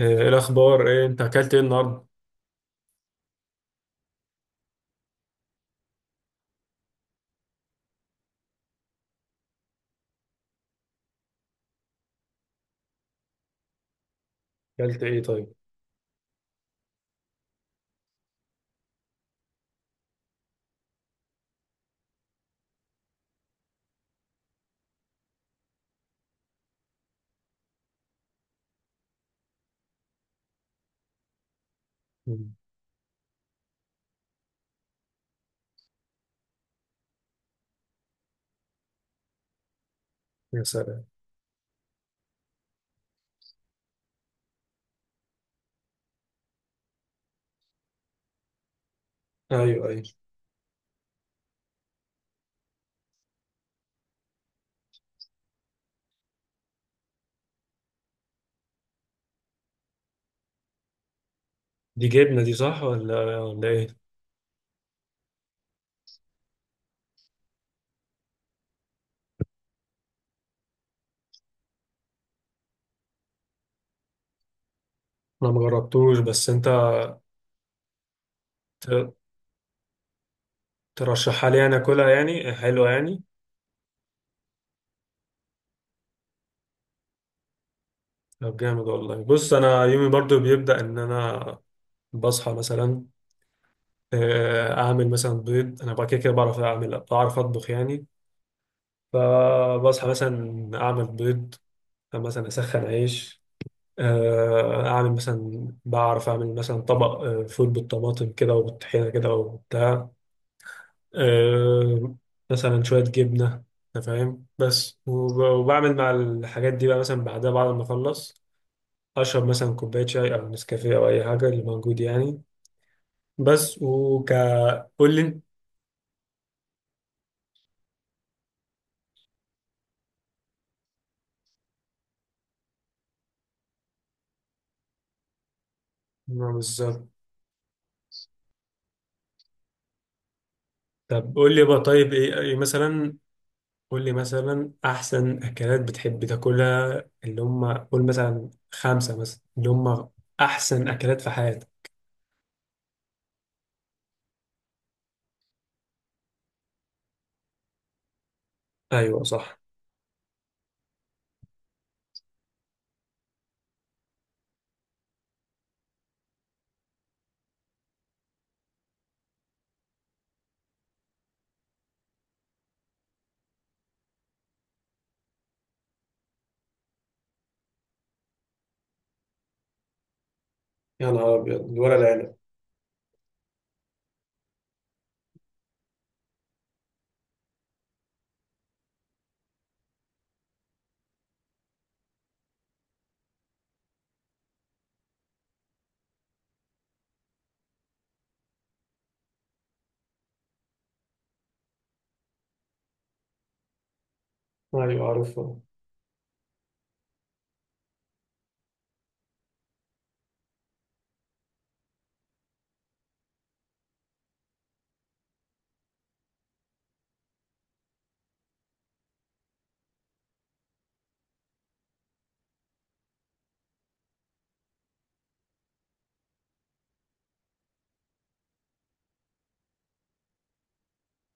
إيه الأخبار، إيه أنت أكلت إيه النهاردة؟ أكلت إيه طيب؟ مم. يا سلام. أيوه أيوه. دي جبنة، دي صح ولا إيه؟ أنا مجربتوش، بس أنت ت- ترشحها لي أنا أكلها، يعني حلوة يعني؟ طب جامد والله. بص أنا يومي برضو بيبدأ إن أنا بصحى مثلا، أعمل مثلا بيض، أنا بقى كده كده بعرف أعمل، بعرف أطبخ يعني. فبصحى مثلا أعمل بيض، مثلا أسخن عيش، اعمل مثلا، بعرف اعمل مثلا طبق فول بالطماطم كده وبالطحينه كده وبتاع، آه، مثلا شويه جبنه، انت فاهم. بس وبعمل مع الحاجات دي بقى، مثلا بعدها بعد ما اخلص اشرب مثلا كوبايه شاي او نسكافيه او اي حاجه اللي موجود يعني. بس وك، قول لي. بالظبط. طب قول لي بقى طيب، إيه مثلا، قول لي مثلا احسن اكلات بتحب تاكلها، اللي هم قول مثلا خمسة مثلا، اللي هم احسن اكلات في حياتك. ايوه صح. يا نهار ابيض، الورق العنب. ايوه عارفه.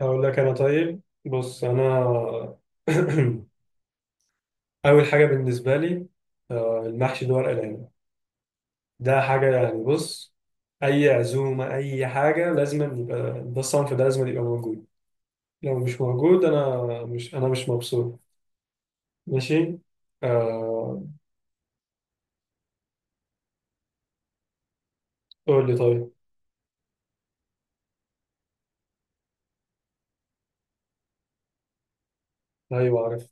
اقول لك انا طيب، بص انا، اول حاجه بالنسبه لي المحشي ده، ورق العنب، ده حاجه يعني. بص، اي عزومه، اي حاجه لازم يبقى ده الصنف، ده لازم يبقى موجود. لو مش موجود انا مش مبسوط. ماشي. آه، قول لي طيب. ايوه عارف.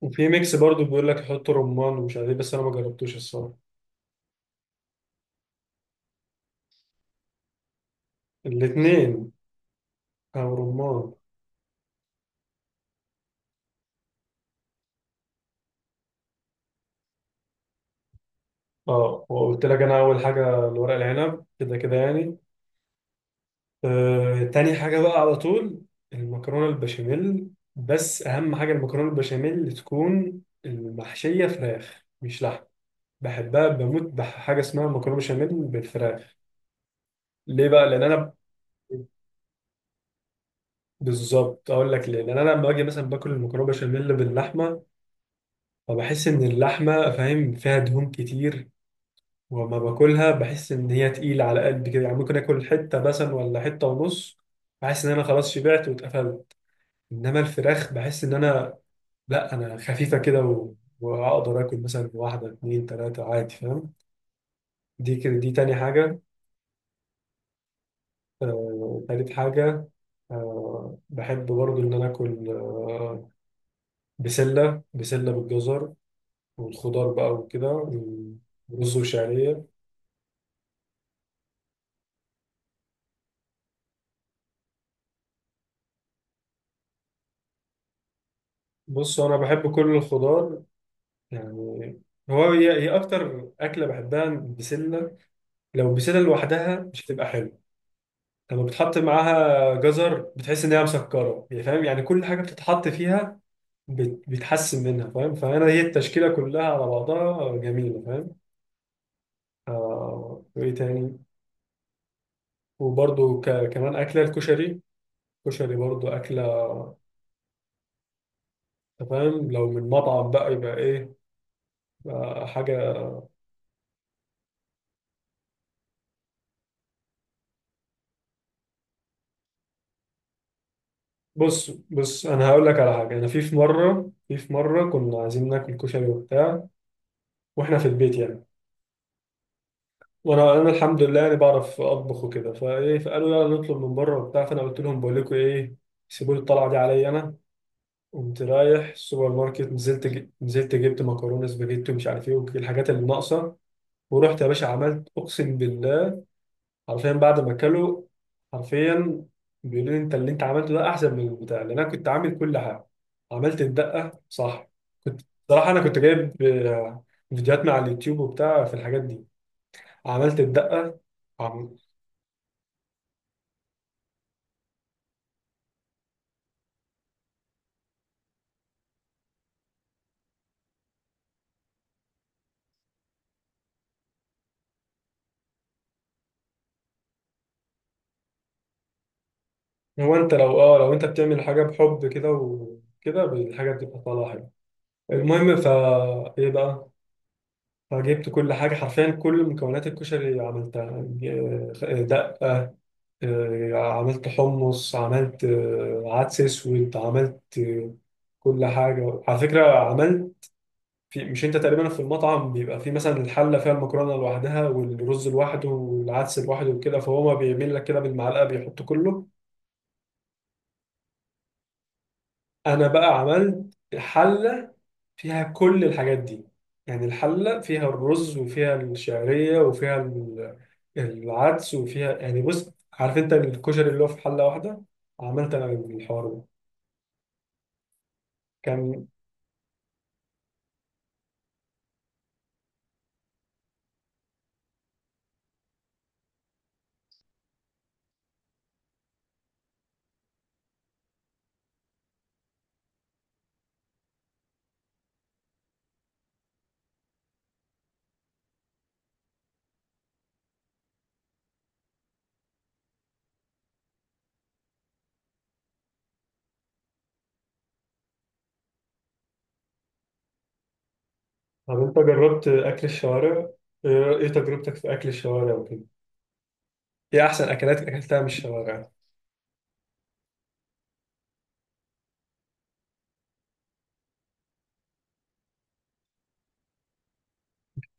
وفي ميكس برضو بيقول لك يحط رمان ومش عارف ايه، بس انا ما جربتوش الصراحه. الاثنين او رمان. اه وقلت لك انا اول حاجه الورق العنب كده كده يعني. آه تاني حاجه بقى على طول، المكرونه البشاميل. بس اهم حاجه، المكرونه البشاميل تكون المحشيه فراخ مش لحم. بحبها بموت، بحاجه اسمها مكرونه بشاميل بالفراخ. ليه بقى؟ لان انا، بالظبط، اقول لك ليه. لان انا لما باجي مثلا باكل المكرونه بشاميل باللحمه، فبحس إن اللحمة، فاهم، فيها دهون كتير. وما باكلها، بحس إن هي تقيلة على قلبي كده يعني. ممكن آكل حتة مثلا ولا حتة ونص، بحس إن أنا خلاص شبعت واتقفلت. إنما الفراخ بحس إن أنا، لأ أنا خفيفة كده، و... وأقدر آكل مثلا واحدة اتنين تلاتة عادي، فاهم. دي كده دي تاني حاجة. آه، تالت حاجة، آه، بحب برضو إن أنا آكل بسلة بالجزر والخضار بقى وكده، ورز وشعرية. بص انا بحب كل الخضار يعني. هو هي هي اكتر اكله بحبها البسله. لو البسله لوحدها مش هتبقى حلوه، لما بتحط معاها جزر بتحس ان هي مسكره يعني، فاهم يعني. كل حاجه بتتحط فيها بتحسن منها، فاهم. فانا هي التشكيله كلها على بعضها جميله، فاهم. آه وايه تاني؟ وبرده كمان اكله الكشري، كشري برضو اكله. أنت فاهم، لو من مطعم بقى يبقى ايه حاجه. بص بص، انا هقول لك على حاجه. انا في مره كنا عايزين ناكل كشري وبتاع، واحنا في البيت يعني. وانا الحمد لله يعني بعرف اطبخ وكده، فايه، فقالوا يلا نطلب من بره وبتاع. فانا قلت لهم بقول لكم ايه، سيبوا لي الطلعه دي عليا انا. قمت رايح السوبر ماركت، نزلت نزلت جبت مكرونه سباجيتي ومش عارف ايه، والحاجات اللي ناقصه. ورحت يا باشا عملت، اقسم بالله، حرفيا بعد ما اكله، حرفيا، بيقولوا لي انت اللي انت عملته ده احسن من البتاع. لان انا كنت عامل كل حاجه، عملت الدقه صح. كنت، صراحه انا كنت جايب فيديوهات مع اليوتيوب وبتاع في الحاجات دي، عملت الدقه. عم- هو انت لو، اه لو انت بتعمل حاجه بحب كده وكده، الحاجه بتبقى طالعه حلوه. المهم، فا ايه بقى. فجبت كل حاجه حرفيا، كل مكونات الكشري عملتها. دقه، عملت حمص، عملت عدس اسود، عملت كل حاجه على فكره عملت. في، مش انت تقريبا في المطعم بيبقى في مثلا الحله فيها المكرونه لوحدها والرز لوحده والعدس لوحده وكده، فهو ما بيعمل لك كده بالمعلقه بيحط كله. انا بقى عملت حله فيها كل الحاجات دي، يعني الحله فيها الرز وفيها الشعريه وفيها العدس وفيها، يعني بص عارف انت الكشري اللي هو في حله واحده، عملت انا الحوار ده. كان، طب انت جربت اكل الشوارع؟ ايه، إيه تجربتك في اكل الشوارع وكده، ايه احسن اكلات اكلتها من الشوارع.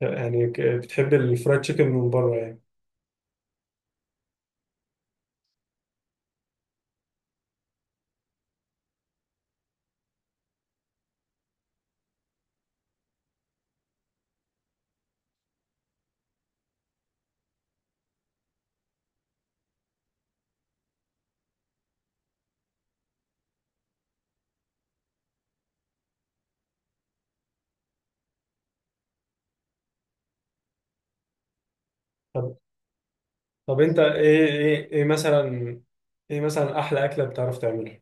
يعني بتحب الفرايد تشيكن من بره يعني. طب، طب انت ايه، ايه مثلا، ايه مثلا احلى اكله بتعرف تعملها،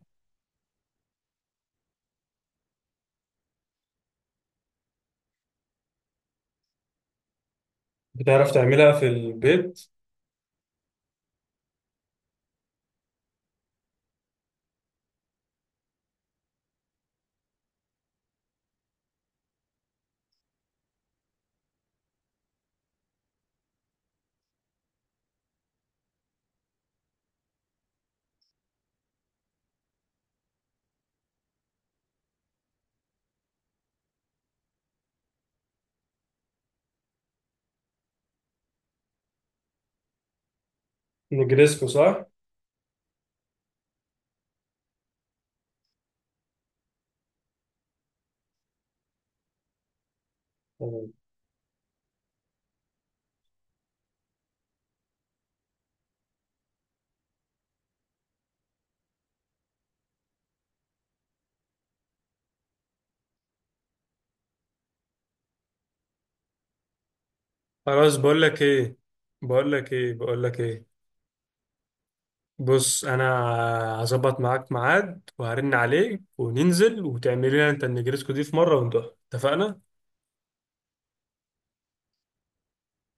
بتعرف تعملها في البيت. نجريسكو صح. تمام. خلاص، بقول لك ايه بقول لك ايه، بص انا هظبط معاك ميعاد وهرن عليك وننزل وتعمل لنا انت النجريسكو دي في مره وندوها، اتفقنا.